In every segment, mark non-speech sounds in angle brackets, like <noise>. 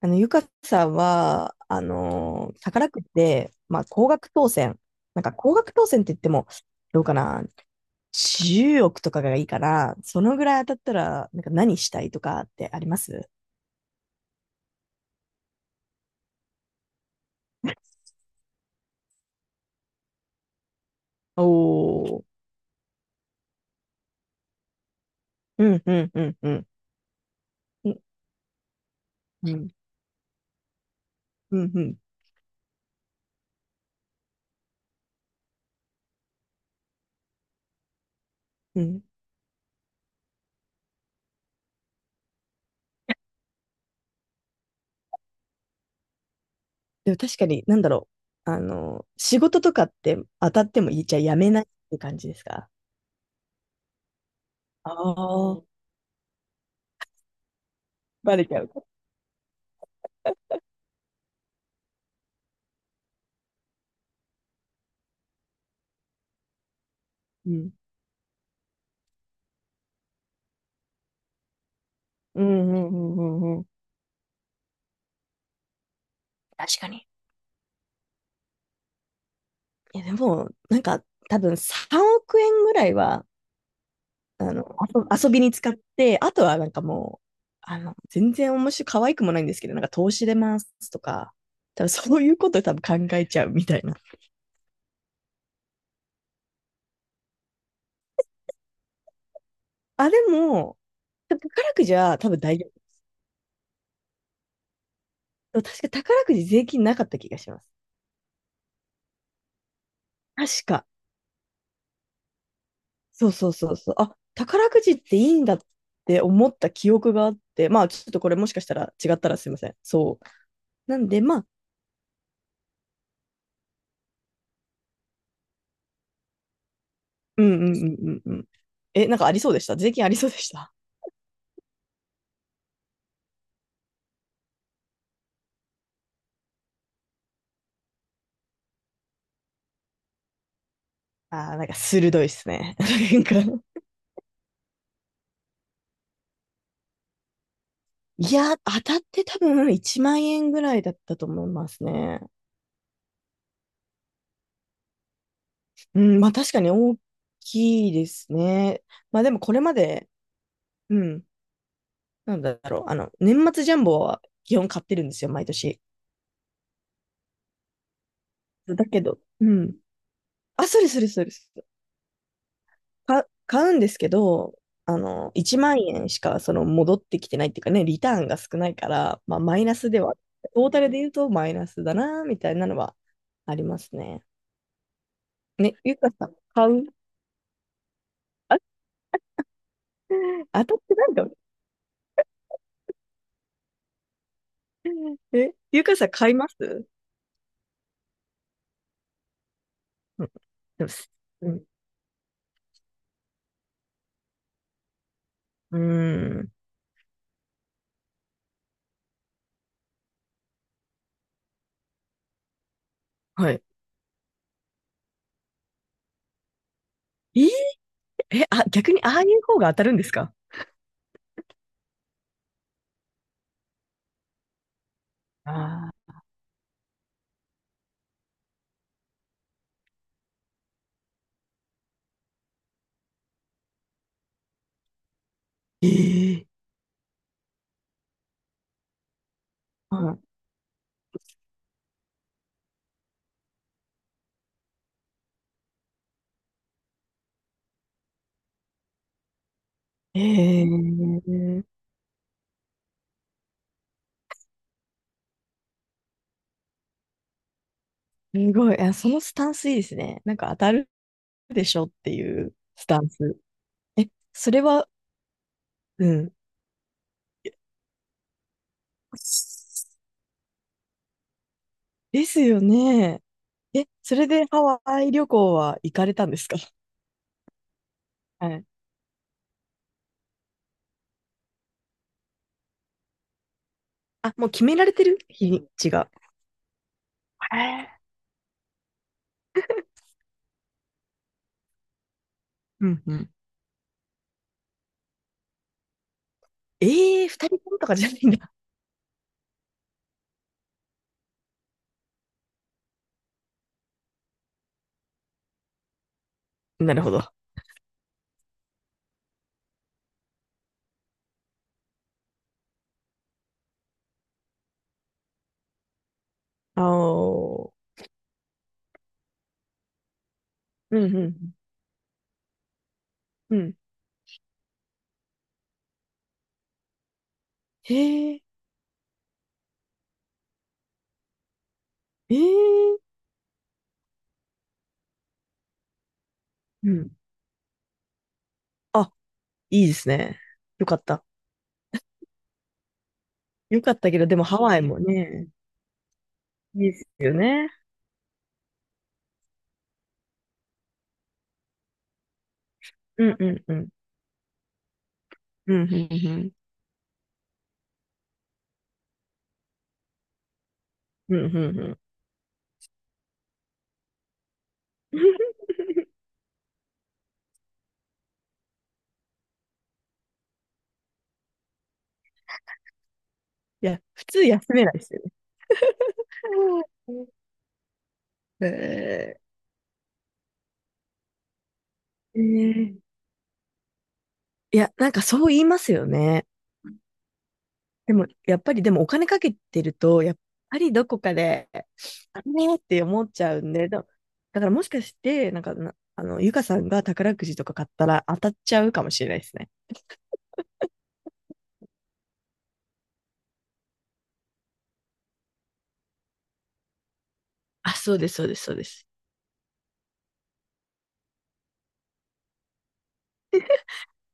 ゆかさんは、宝くじで、まあ、高額当選。なんか、高額当選って言っても、どうかな、10億とかがいいから、そのぐらい当たったら、なんか何したいとかってあります？おー。うん、うん、うん、うん。うん、うん、うん、うん。うん。でも確かに、なんだろう。あの仕事とかって当たってもいいじゃあやめないって感じですか？ああー、バレちゃうか。うん。うん、うん、うん、うん。うん。確かに。いや、でも、なんか、多分3億円ぐらいは、あの、遊遊びに使って、あとはなんかもう、全然面白い、可愛くもないんですけど、なんか投資でますとか、多分そういうこと考えちゃうみたいな。あ、でも、宝くじは多分大丈夫。確か宝くじ税金なかった気がします。確か。そうそうそうそう。あ、宝くじっていいんだって思った記憶があって、まあちょっとこれもしかしたら違ったらすいません。そう。なんで、まあ、うんうんうんうんうん。え、なんかありそうでした？税金ありそうでした？あ、 <laughs> あー、なんか鋭いっすね。<laughs> なんか、いや、当たって多分1万円ぐらいだったと思いますね。うん、まあ確かに大きいですね。まあでもこれまで、うん、なんだろう、年末ジャンボは基本買ってるんですよ、毎年。だけど、うん。あ、それそれそれ。買うんですけど、1万円しかその戻ってきてないっていうかね、リターンが少ないから、まあ、マイナスでは、トータルで言うとマイナスだな、みたいなのはありますね。ね、ゆかさん、買う？あ、当たってないんだ。え、ゆかさん、買います？うん。でも、す、うん。うーん。はい。えー。え、あ、逆にああいう方が当たるんですか？ああー。ええ。はい。ええ。すごい。あ、そのスタンスいいですね。なんか当たるでしょっていうスタンス。え、それは、うん。ですよね。え、それでハワイ旅行は行かれたんですか？はい。あ、もう決められてる日にちが。へえ。うんうん。ええ、二人ともとかじゃないんだ。<laughs> なるほど。あ。うんうんうん。うん。へえ、ええ。うん。あ、いいですね。よかった。よかったけど、でもハワイもね、いいですよね。うんうんうん。うんうんうん。うんうんうん。いや、普通休めないですよね。<laughs> えー。えー、いや、なんかそう言いますよね。でも、やっぱり、でもお金かけてると、やっぱりどこかで、あれねって思っちゃうんで、だからもしかして、なんかな、ゆかさんが宝くじとか買ったら当たっちゃうかもしれないですね。あ、そうです、そうです、そうです。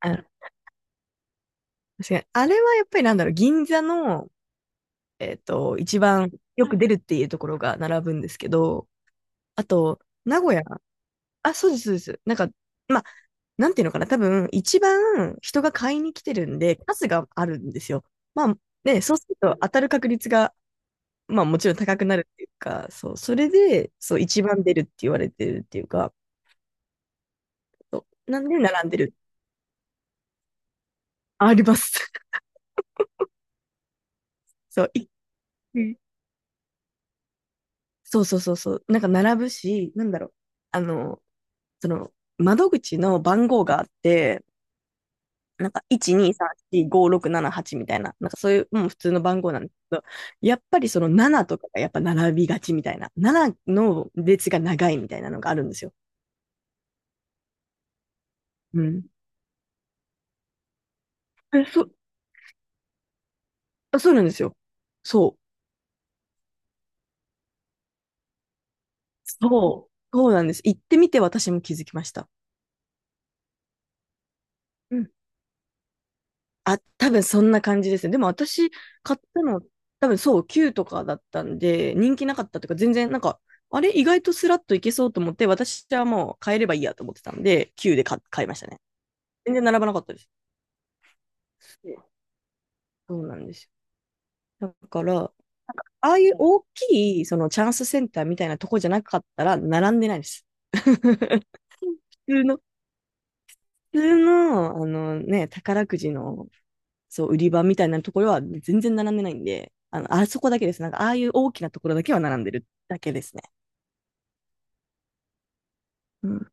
あの、確かに。あれはやっぱりなんだろう、銀座の、えっと、一番よく出るっていうところが並ぶんですけど、あと、名古屋。あ、そうです、そうです。なんか、まあ、なんていうのかな、多分、一番人が買いに来てるんで、数があるんですよ。まあ、ね、そうすると当たる確率が、まあ、もちろん高くなるっていうか、そう、それで、そう、一番出るって言われてるっていうか、そうなんで並んでる。<laughs> あります。<laughs> そう、い、うん、そうそうそうそう、なんか並ぶし、なんだろう、あの、その、窓口の番号があって、なんか、1、2、3、4、5、6、7、8みたいな、なんかそういう、うん、普通の番号なんですけど、やっぱりその7とかがやっぱ並びがちみたいな、7の列が長いみたいなのがあるんですよ。うん。え、そ、あ、そうなんですよ。そう。そう。そうなんです。行ってみて私も気づきました。うん。あ、多分そんな感じですね。でも私買ったの、多分そう、9とかだったんで、人気なかったというか、全然なんか、あれ意外とスラッといけそうと思って、私はもう買えればいいやと思ってたんで、9で買いましたね。全然並ばなかったです。そうなんですよ。だから、ああいう大きい、そのチャンスセンターみたいなとこじゃなかったら、並んでないです。<laughs> 普通の、普通の、あのね、宝くじの、そう、売り場みたいなところは全然並んでないんで、あの、あそこだけです。なんか、ああいう大きなところだけは並んでるだけですね。うん。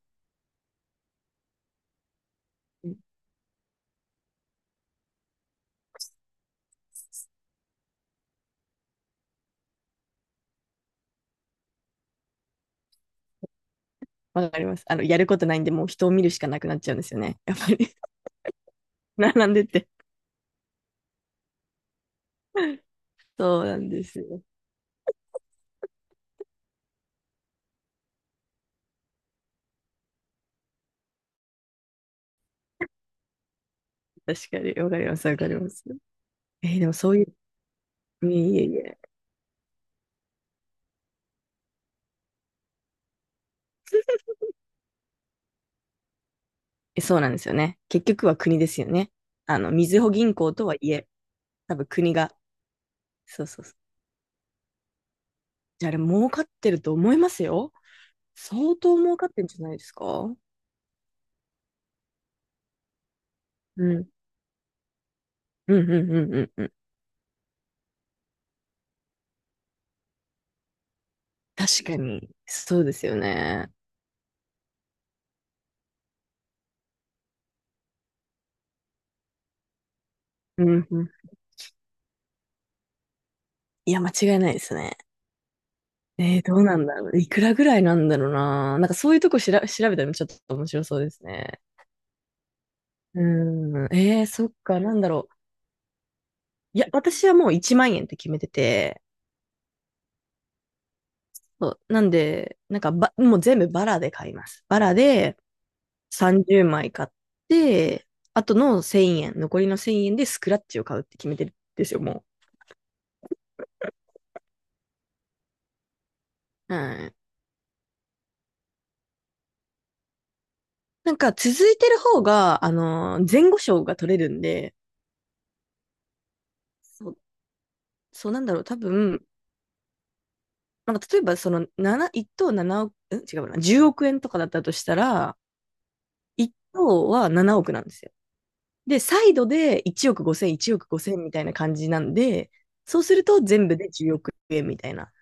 わかります。あの、やることないんで、もう人を見るしかなくなっちゃうんですよね。<laughs> やっぱり。 <laughs> 並んでて。そうなんですよ。確かに。わかります。わかります。えー、でもそういう、いえいえいえ。<laughs> そうなんですよね。結局は国ですよね。あの、みずほ銀行とはいえ、多分国が。そうそうそう。じゃああれ、儲かってると思いますよ。相当儲かってんじゃないですか？うん。うんうんうんうんうん。確かに。そうですよね。うんうん。いや、間違いないですね。えー、どうなんだろう。いくらぐらいなんだろうな。なんかそういうとこしら調べたらちょっと面白そうですね。うん。えー、そっか、なんだろう。いや、私はもう1万円って決めてて、そうなんで、なんかば、もう全部バラで買います。バラで30枚買って、あとの1000円、残りの1000円でスクラッチを買うって決めてるんですよ、もう。うん。なんか続いてる方が、あのー前後賞が取れるんで、そう、そうなんだろう、多分、なんか例えばその7、1等7億、ん違うな、10億円とかだったとしたら、1等は7億なんですよ。で、サイドで1億5千みたいな感じなんで、そうすると全部で10億円みたいな。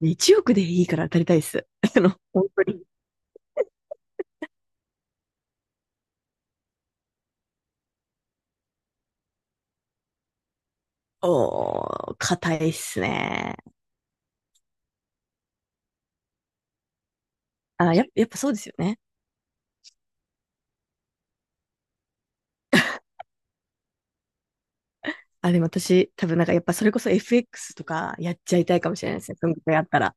で1億でいいから当たりたいっす。<laughs> あの、本当に。おー、硬いっすね。あ、や、やっぱそうですよね。あ、でも私、多分なんかやっぱそれこそ FX とかやっちゃいたいかもしれないですね。そのぐあったら。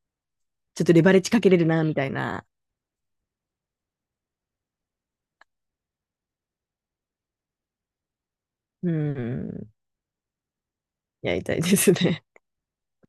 ちょっとレバレッジかけれるな、みたいな。うん。やりたいですね。